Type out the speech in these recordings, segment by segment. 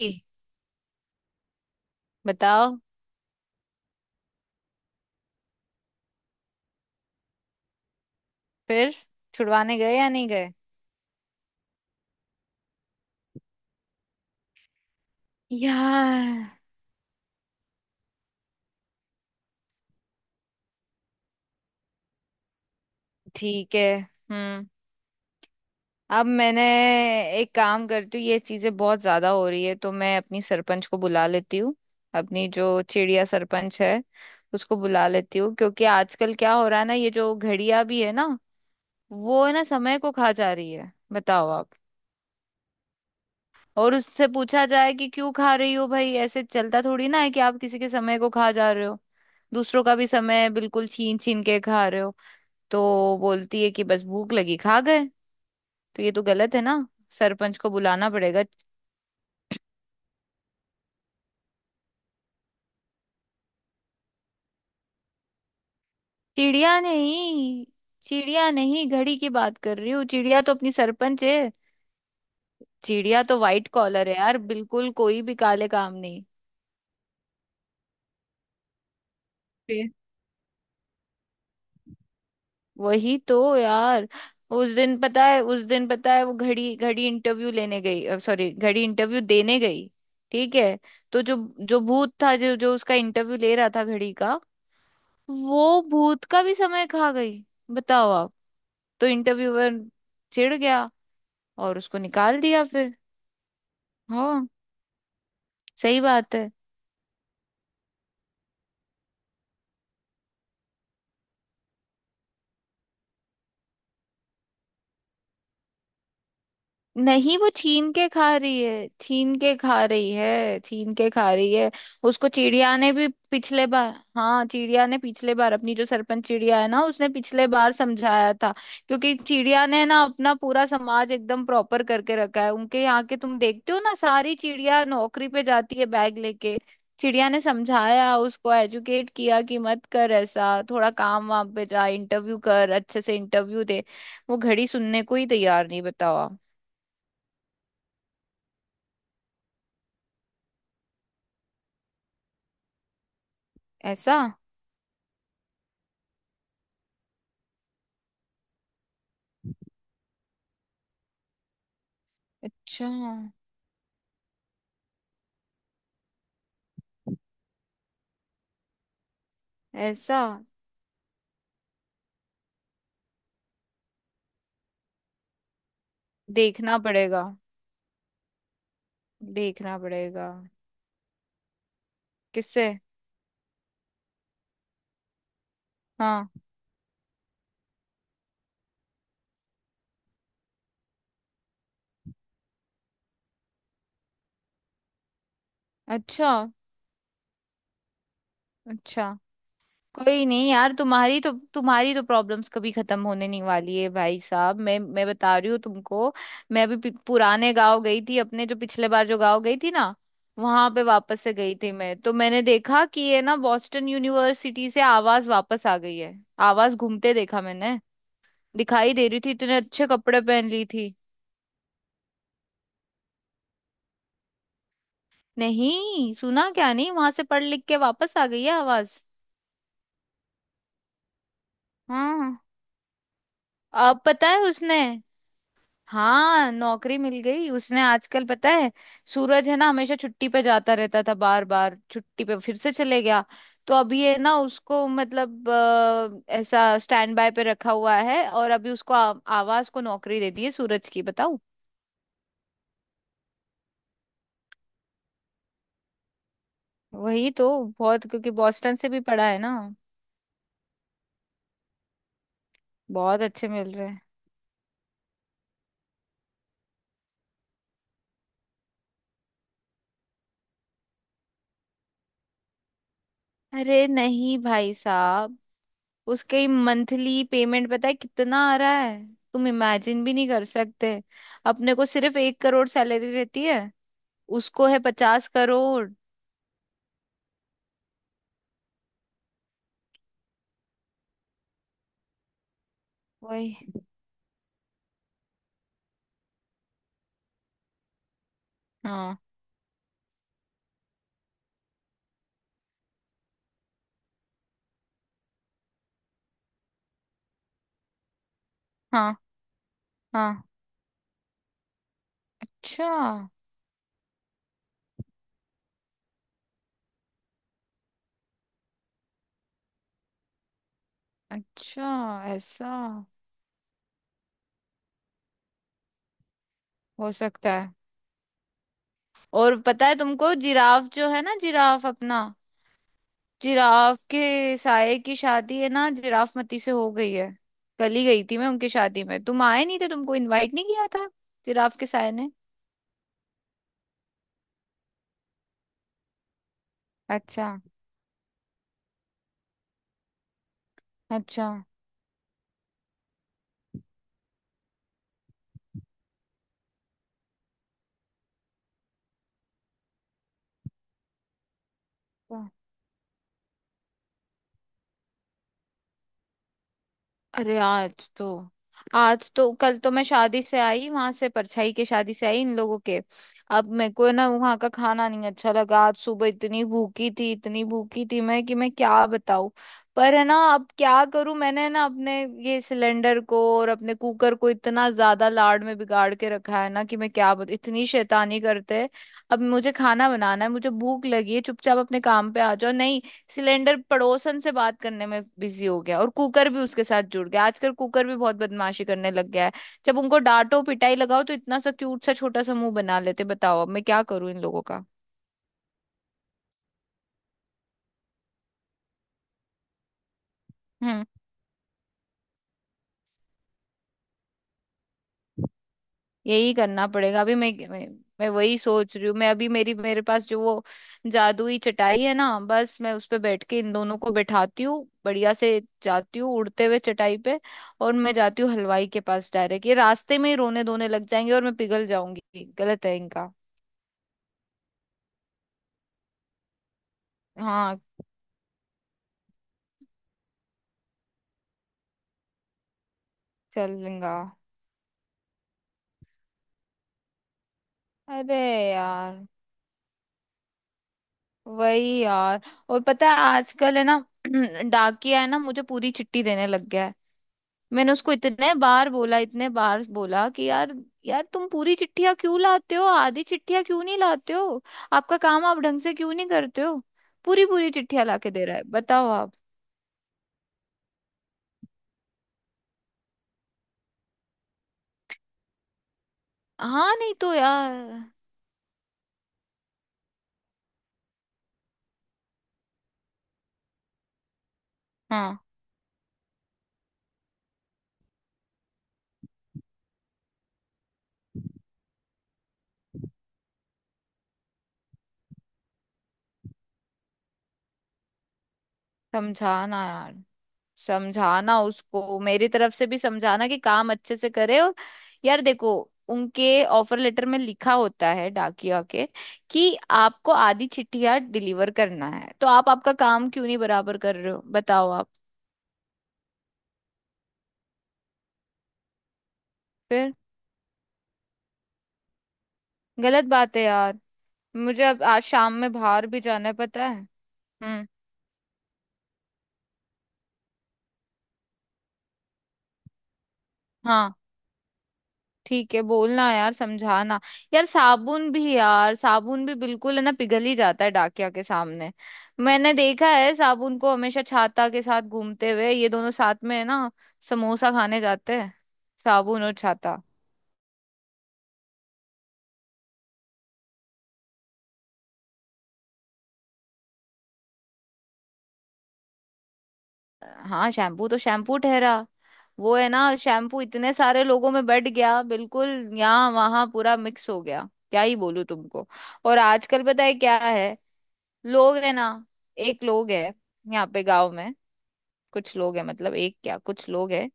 ई, बताओ। फिर छुड़वाने गए या नहीं गए। यार ठीक है। हम्म। अब मैंने, एक काम करती हूँ, ये चीजें बहुत ज्यादा हो रही है तो मैं अपनी सरपंच को बुला लेती हूँ। अपनी जो चिड़िया सरपंच है उसको बुला लेती हूँ, क्योंकि आजकल क्या हो रहा है ना, ये जो घड़ियां भी है ना, वो है ना समय को खा जा रही है, बताओ आप। और उससे पूछा जाए कि क्यों खा रही हो भाई, ऐसे चलता थोड़ी ना है कि आप किसी के समय को खा जा रहे हो, दूसरों का भी समय बिल्कुल छीन छीन के खा रहे हो। तो बोलती है कि बस भूख लगी खा गए। तो ये तो गलत है ना, सरपंच को बुलाना पड़ेगा। चिड़िया नहीं, चिड़िया नहीं, घड़ी की बात कर रही हूँ। चिड़िया तो अपनी सरपंच है। चिड़िया तो वाइट कॉलर है यार, बिल्कुल कोई भी काले काम नहीं। वही तो यार। उस दिन पता है, उस दिन पता है, वो घड़ी घड़ी इंटरव्यू लेने गई, सॉरी घड़ी इंटरव्यू देने गई। ठीक है, तो जो जो भूत था, जो जो उसका इंटरव्यू ले रहा था, घड़ी का। वो भूत का भी समय खा गई, बताओ आप। तो इंटरव्यूअर चिढ़ गया और उसको निकाल दिया फिर। हाँ सही बात है। नहीं वो छीन के खा रही है, छीन के खा रही है, छीन के खा रही है। उसको चिड़िया ने भी पिछले बार, हाँ चिड़िया ने पिछले बार, अपनी जो सरपंच चिड़िया है ना, उसने पिछले बार समझाया था, क्योंकि चिड़िया ने ना अपना पूरा समाज एकदम प्रॉपर करके रखा है। उनके यहाँ के तुम देखते हो ना, सारी चिड़िया नौकरी पे जाती है बैग लेके। चिड़िया ने समझाया उसको, एजुकेट किया, कि मत कर ऐसा, थोड़ा काम वाम पे जा, इंटरव्यू कर, अच्छे से इंटरव्यू दे। वो घड़ी सुनने को ही तैयार नहीं, बताओ आप। ऐसा। अच्छा। ऐसा। देखना पड़ेगा, देखना पड़ेगा। किससे? हाँ। अच्छा। अच्छा। कोई नहीं यार, तुम्हारी तो, तुम्हारी तो प्रॉब्लम्स कभी खत्म होने नहीं वाली है भाई साहब, मैं बता रही हूँ तुमको। मैं अभी पुराने गांव गई थी, अपने जो पिछले बार जो गांव गई थी ना, वहां पे वापस से गई थी मैं, तो मैंने देखा कि ये ना बॉस्टन यूनिवर्सिटी से आवाज वापस आ गई है। आवाज घूमते देखा मैंने, दिखाई दे रही थी, इतने अच्छे कपड़े पहन ली थी। नहीं सुना क्या, नहीं वहां से पढ़ लिख के वापस आ गई है आवाज। हाँ। अब पता है उसने, हाँ नौकरी मिल गई उसने आजकल, पता है सूरज है ना, हमेशा छुट्टी पे जाता रहता था, बार बार छुट्टी पे फिर से चले गया। तो अभी ये ना उसको, मतलब ऐसा स्टैंड बाय पे रखा हुआ है, और अभी उसको आवाज को नौकरी दे दी है सूरज की, बताओ। वही तो, बहुत, क्योंकि बॉस्टन से भी पढ़ा है ना। बहुत अच्छे मिल रहे हैं। अरे नहीं भाई साहब, उसके ही मंथली पेमेंट पता है कितना आ रहा है, तुम इमेजिन भी नहीं कर सकते। अपने को सिर्फ एक करोड़ सैलरी रहती है, उसको है पचास करोड़। वही। हाँ। हाँ। हाँ। अच्छा। अच्छा। ऐसा। हो सकता है। और पता है तुमको, जिराफ जो है ना, जिराफ अपना, जिराफ के साये की शादी है ना, जिराफ मती से हो गई है। कल ही गई थी मैं उनकी शादी में, तुम आए नहीं थे, तुमको इनवाइट नहीं किया था जिराफ के साये ने। अच्छा। अच्छा। क्या? अरे आज तो, आज तो, कल तो मैं शादी से आई, वहां से परछाई के शादी से आई इन लोगों के। अब मेरे को ना वहां का खाना नहीं अच्छा लगा, आज सुबह इतनी भूखी थी, इतनी भूखी थी मैं कि मैं क्या बताऊं। पर है ना, अब क्या करूं, मैंने ना अपने ये सिलेंडर को और अपने कुकर को इतना ज्यादा लाड़ में बिगाड़ के रखा है ना, कि मैं क्या बता, इतनी शैतानी करते हैं। अब मुझे खाना बनाना है, मुझे भूख लगी है, चुपचाप अपने काम पे आ जाओ, नहीं, सिलेंडर पड़ोसन से बात करने में बिजी हो गया, और कुकर भी उसके साथ जुड़ गया, आजकल कुकर भी बहुत बदमाशी करने लग गया है। जब उनको डांटो पिटाई लगाओ, तो इतना सा क्यूट सा छोटा सा मुंह बना लेते, बताओ अब मैं क्या करूं इन लोगों का। हम्म। यही करना पड़ेगा, अभी मैं वही सोच रही हूँ। मैं अभी, मेरी मेरे पास जो वो जादुई चटाई है ना, बस मैं उस पे बैठ के इन दोनों को बैठाती हूँ, बढ़िया से जाती हूँ उड़ते हुए चटाई पे, और मैं जाती हूँ हलवाई के पास डायरेक्ट। ये रास्ते में ही रोने धोने लग जाएंगे और मैं पिघल जाऊंगी, गलत है इनका। हाँ चल लेंगा। अरे यार, वही यार। और पता है आजकल है ना, डाकिया है ना, मुझे पूरी चिट्ठी देने लग गया है। मैंने उसको इतने बार बोला, इतने बार बोला कि यार, यार तुम पूरी चिट्ठियां क्यों लाते हो, आधी चिट्ठियां क्यों नहीं लाते हो, आपका काम आप ढंग से क्यों नहीं करते हो, पूरी पूरी चिट्ठियां लाके दे रहा है, बताओ आप। हाँ नहीं तो यार। हाँ समझाना यार, समझाना उसको, मेरी तरफ से भी समझाना कि काम अच्छे से करे। और यार देखो, उनके ऑफर लेटर में लिखा होता है डाकिया के, कि आपको आधी चिट्ठियां डिलीवर करना है, तो आप, आपका काम क्यों नहीं बराबर कर रहे हो, बताओ आप। फिर गलत बात है यार। मुझे अब आज शाम में बाहर भी जाना है पता है। हम्म। हाँ ठीक है, बोलना यार, समझाना। यार साबुन भी, यार साबुन भी बिल्कुल है ना, पिघल ही जाता है डाकिया के सामने। मैंने देखा है साबुन को, हमेशा छाता के साथ घूमते हुए, ये दोनों साथ में है ना, समोसा खाने जाते हैं, साबुन और छाता। हाँ शैम्पू तो शैम्पू ठहरा, वो है ना शैम्पू इतने सारे लोगों में बट गया बिल्कुल, यहाँ वहां पूरा मिक्स हो गया, क्या ही बोलूं तुमको। और आजकल पता है क्या है, लोग है ना, एक लोग है, यहाँ पे गांव में, कुछ लोग हैं, मतलब एक क्या, कुछ लोग हैं,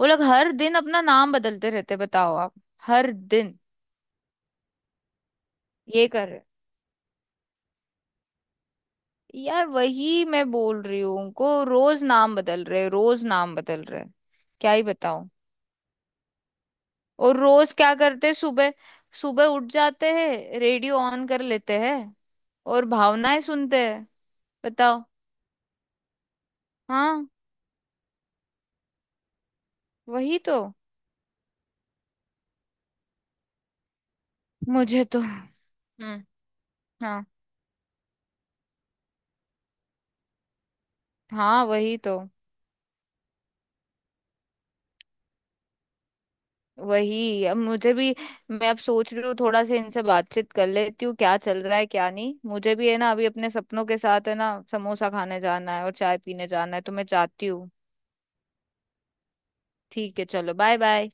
वो लोग हर दिन अपना नाम बदलते रहते हैं, बताओ आप, हर दिन ये कर रहे हैं। यार वही मैं बोल रही हूँ उनको, रोज नाम बदल रहे हैं, रोज नाम बदल रहे हैं, क्या ही बताऊं। और रोज क्या करते हैं, सुबह, सुबह उठ जाते हैं, रेडियो ऑन कर लेते हैं, और भावनाएं सुनते हैं, बताओ। हाँ वही तो। मुझे तो, हम्म, हाँ हाँ वही तो, वही अब मुझे भी, मैं अब सोच रही हूँ थोड़ा सा इनसे बातचीत कर लेती हूँ, क्या चल रहा है क्या नहीं, मुझे भी है ना, अभी अपने सपनों के साथ है ना समोसा खाने जाना है और चाय पीने जाना है, तो मैं जाती हूँ। ठीक है चलो, बाय बाय।